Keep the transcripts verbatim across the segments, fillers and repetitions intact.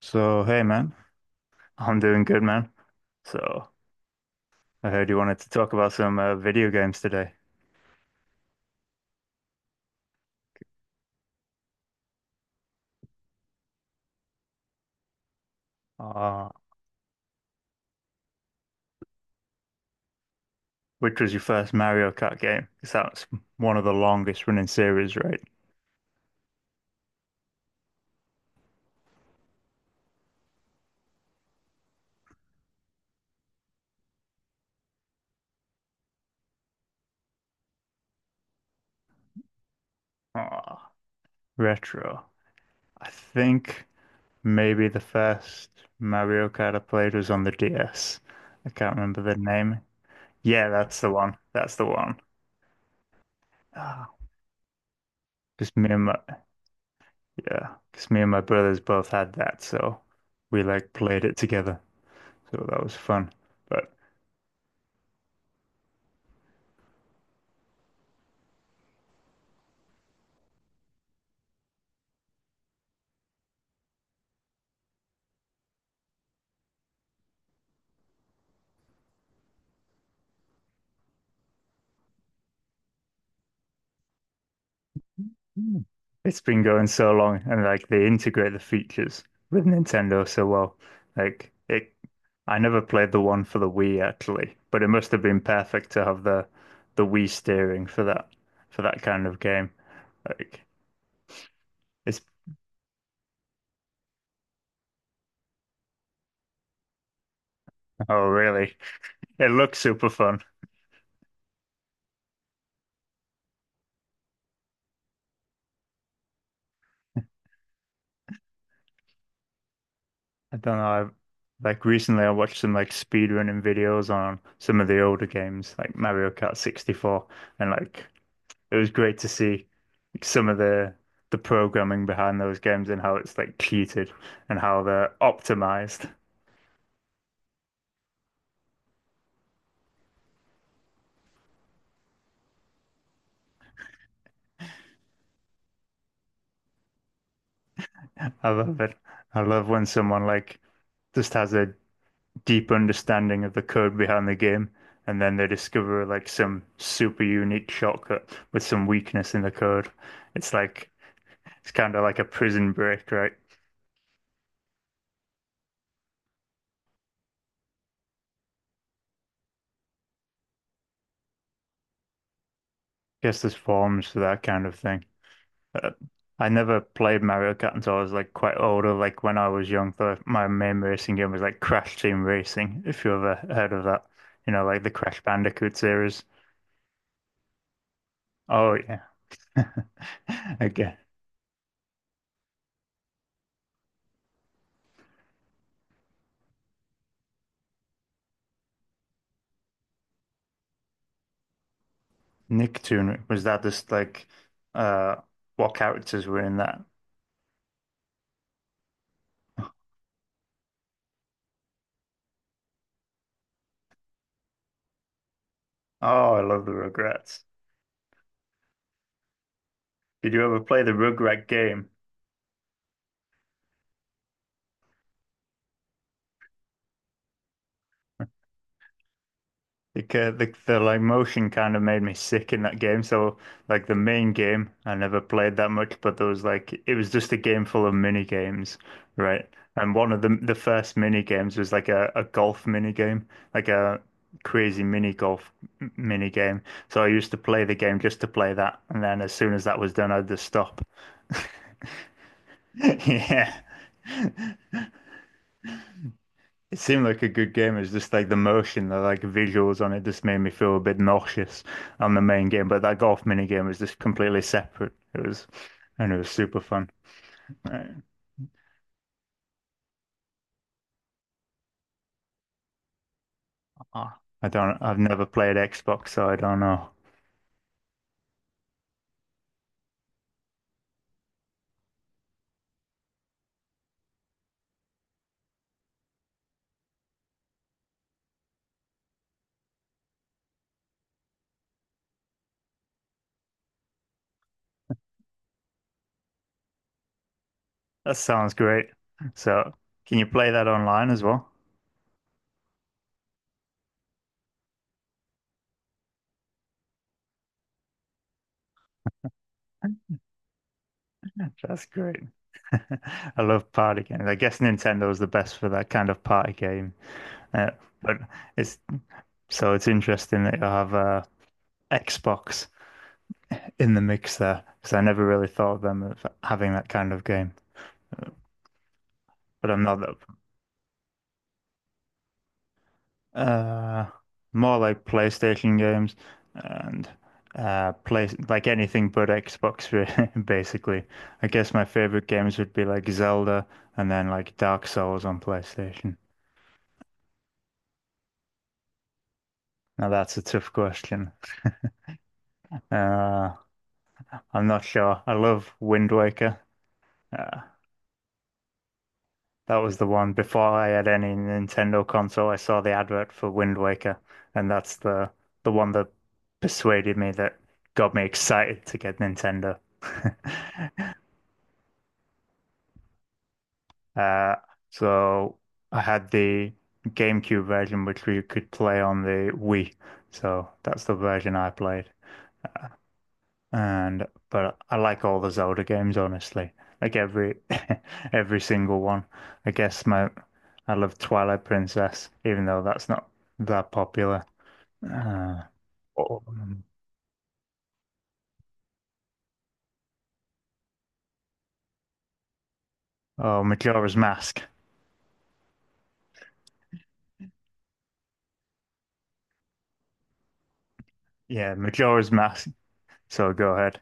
So, hey man, I'm doing good, man. So, I heard you wanted to talk about some uh, video games today. Uh, which was your first Mario Kart game? Because that's one of the longest running series, right? Uh, Retro. I think maybe the first Mario Kart I played was on the D S. I can't remember the name. Yeah, that's the one. That's the one. Ah, because me and my Yeah, because me and my brothers both had that, so we like played it together. So that was fun. But Mm. It's been going so long, and like they integrate the features with Nintendo so well. Like it, I never played the one for the Wii actually, but it must have been perfect to have the the Wii steering for that for that kind of game. Like it's Oh really? It looks super fun. I don't know. I've, like recently, I watched some like speedrunning videos on some of the older games, like Mario Kart sixty-four, and like it was great to see some of the the programming behind those games and how it's like cheated and how they're optimized. I love it. I love when someone like just has a deep understanding of the code behind the game and then they discover like some super unique shortcut with some weakness in the code. It's like it's kind of like a prison break, right? Guess there's forms for that kind of thing. Uh, I never played Mario Kart until I was like quite older. Like when I was young, the, my main racing game was like Crash Team Racing, if you ever heard of that. You know, like the Crash Bandicoot series. Oh yeah. Okay. Nicktoon, was that just like uh what characters were in that? Oh, I love the Rugrats. Did you ever play the Rugrat game? Like uh, the, the like motion kind of made me sick in that game. So like the main game, I never played that much, but there was like it was just a game full of mini games, right? And one of the the first mini games was like a, a golf mini game, like a crazy mini golf m- mini game. So I used to play the game just to play that, and then as soon as that was done, I'd just stop. Yeah. It seemed like a good game. It's just like the motion, the like visuals on it just made me feel a bit nauseous on the main game. But that golf mini game was just completely separate. It was, and it was super fun. Uh, Ah, I don't, I've never played Xbox, so I don't know. That sounds great. So, can you play that online as well? That's great. I love party games. I guess Nintendo is the best for that kind of party game. Uh, but it's so it's interesting that you have a Xbox in the mix there because I never really thought of them as having that kind of game. But I'm not that. Uh, More like PlayStation games and uh, play like anything but Xbox, really, basically. I guess my favorite games would be like Zelda and then like Dark Souls on PlayStation. Now that's a tough question. Uh, I'm not sure. I love Wind Waker. Uh, That was the one. Before I had any Nintendo console, I saw the advert for Wind Waker, and that's the the one that persuaded me that got me excited to get Nintendo. Uh, so I had the GameCube version, which we could play on the Wii. So that's the version I played. And but I like all the Zelda games, honestly. Like every every single one. I guess my I love Twilight Princess, even though that's not that popular. Uh, oh, um, oh, Majora's Mask. Yeah, Majora's Mask. So go ahead.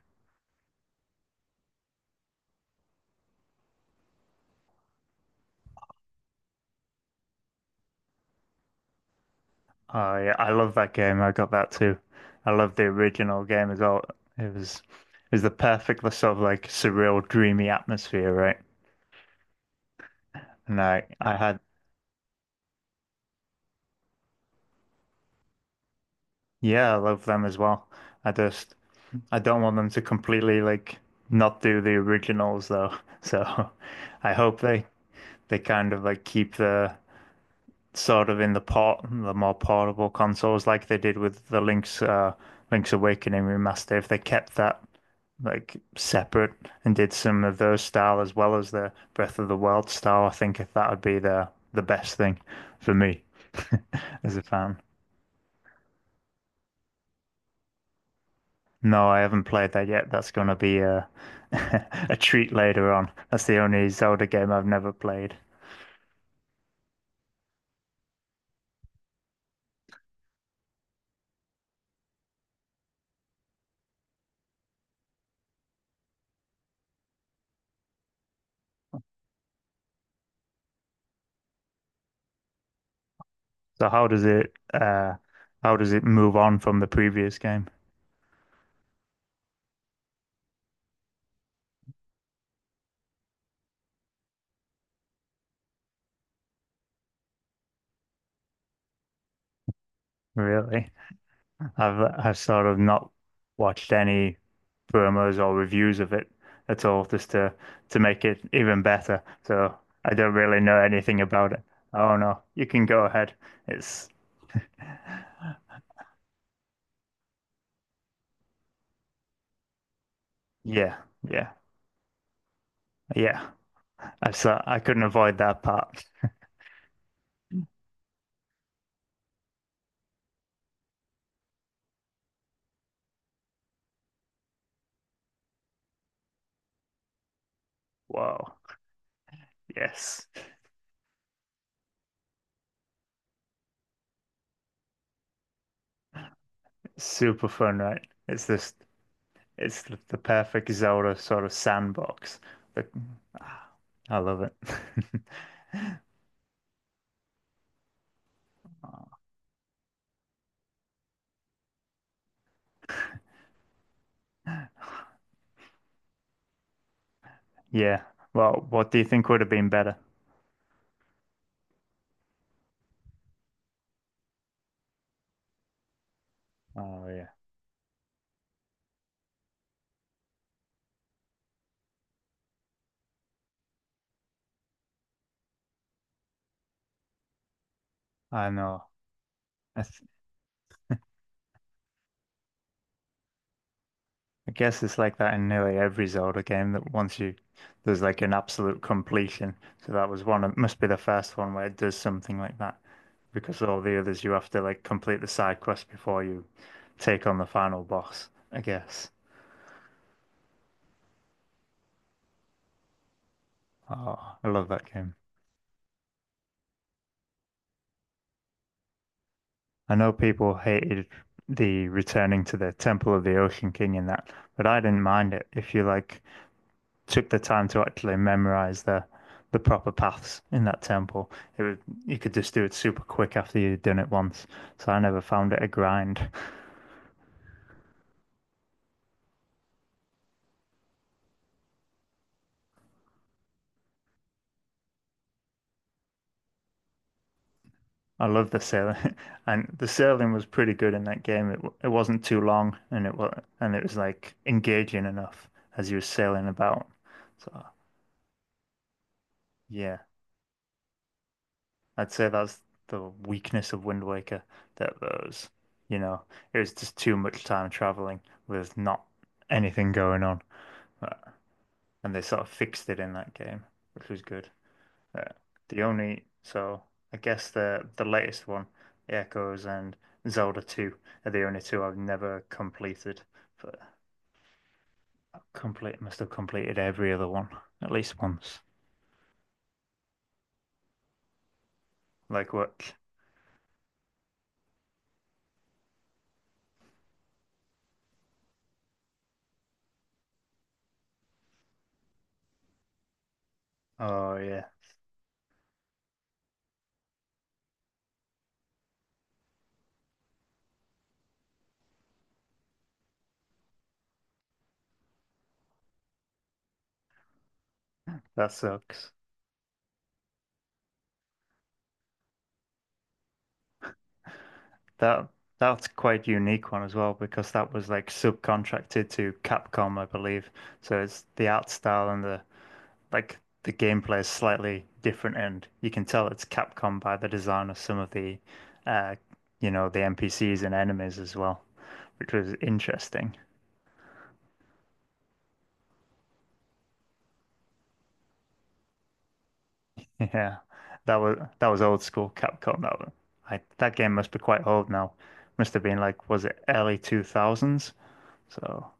Oh yeah, I love that game. I got that too. I love the original game as well. It was it was the perfect sort of like surreal, dreamy atmosphere, right? And I I had Yeah, I love them as well. I just I don't want them to completely like not do the originals though. So I hope they they kind of like keep the sort of in the port the more portable consoles like they did with the Link's uh Link's Awakening remaster. If they kept that like separate and did some of those style as well as the Breath of the Wild style, I think that would be the the best thing for me as a fan. No, I haven't played that yet. That's gonna be a a treat later on. That's the only Zelda game I've never played. So how does it uh how does it move on from the previous game, really? I've I've sort of not watched any promos or reviews of it at all, just to to make it even better. So I don't really know anything about it. Oh no, you can go ahead. It's Yeah, yeah, yeah. I saw I couldn't avoid that part. Whoa, yes, super fun, right? It's just it's the, the perfect Zelda sort of sandbox. The, ah, I love it. Yeah. Well, what do you think would have been better? Oh yeah, I know. I, th I guess it's like that in nearly every Zelda game that once you there's like an absolute completion. So that was one. It must be the first one where it does something like that because all the others you have to like complete the side quest before you take on the final boss, I guess. Oh, I love that game. I know people hated the returning to the Temple of the Ocean King in that, but I didn't mind it. If you like took the time to actually memorize the the proper paths in that temple, it would, you could just do it super quick after you'd done it once. So I never found it a grind. I love the sailing, and the sailing was pretty good in that game. It it wasn't too long, and it was and it was like engaging enough as you were sailing about. So yeah, I'd say that's the weakness of Wind Waker. That was you know, it was just too much time traveling with not anything going on. And they sort of fixed it in that game, which was good. Uh, the only so I guess the the latest one, Echoes and Zelda two are the only two I've never completed, but I complete must have completed every other one at least once. Like what? Oh yeah, that sucks. That that's quite unique one as well because that was like subcontracted to Capcom, I believe. So it's the art style and the like the gameplay is slightly different, and you can tell it's Capcom by the design of some of the, uh, you know, the N P Cs and enemies as well, which was interesting. Yeah, that was that was old school Capcom. That was, I, that game must be quite old now. Must have been like, was it early two thousands? So.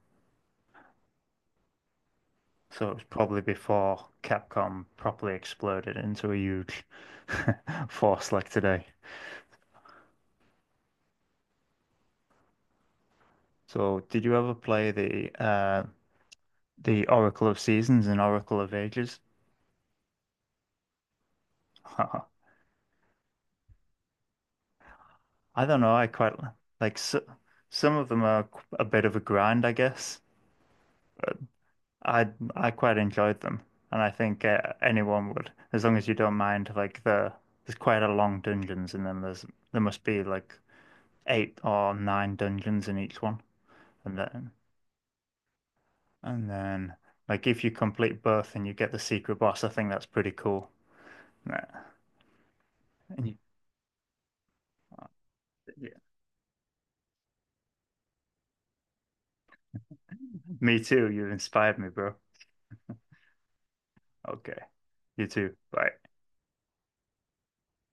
So it was probably before Capcom properly exploded into a huge force like today. So did you ever play the uh The Oracle of Seasons and Oracle of Ages. I don't know. I quite li- like, so some of them are qu- a bit of a grind, I guess. I I quite enjoyed them, and I think uh, anyone would, as long as you don't mind. Like the there's quite a long dungeons in them. There's there must be like eight or nine dungeons in each one, and then and then like if you complete both and you get the secret boss, I think that's pretty cool. Yeah. And you, yeah. Me too. You inspired me, bro. Okay. You too. Bye.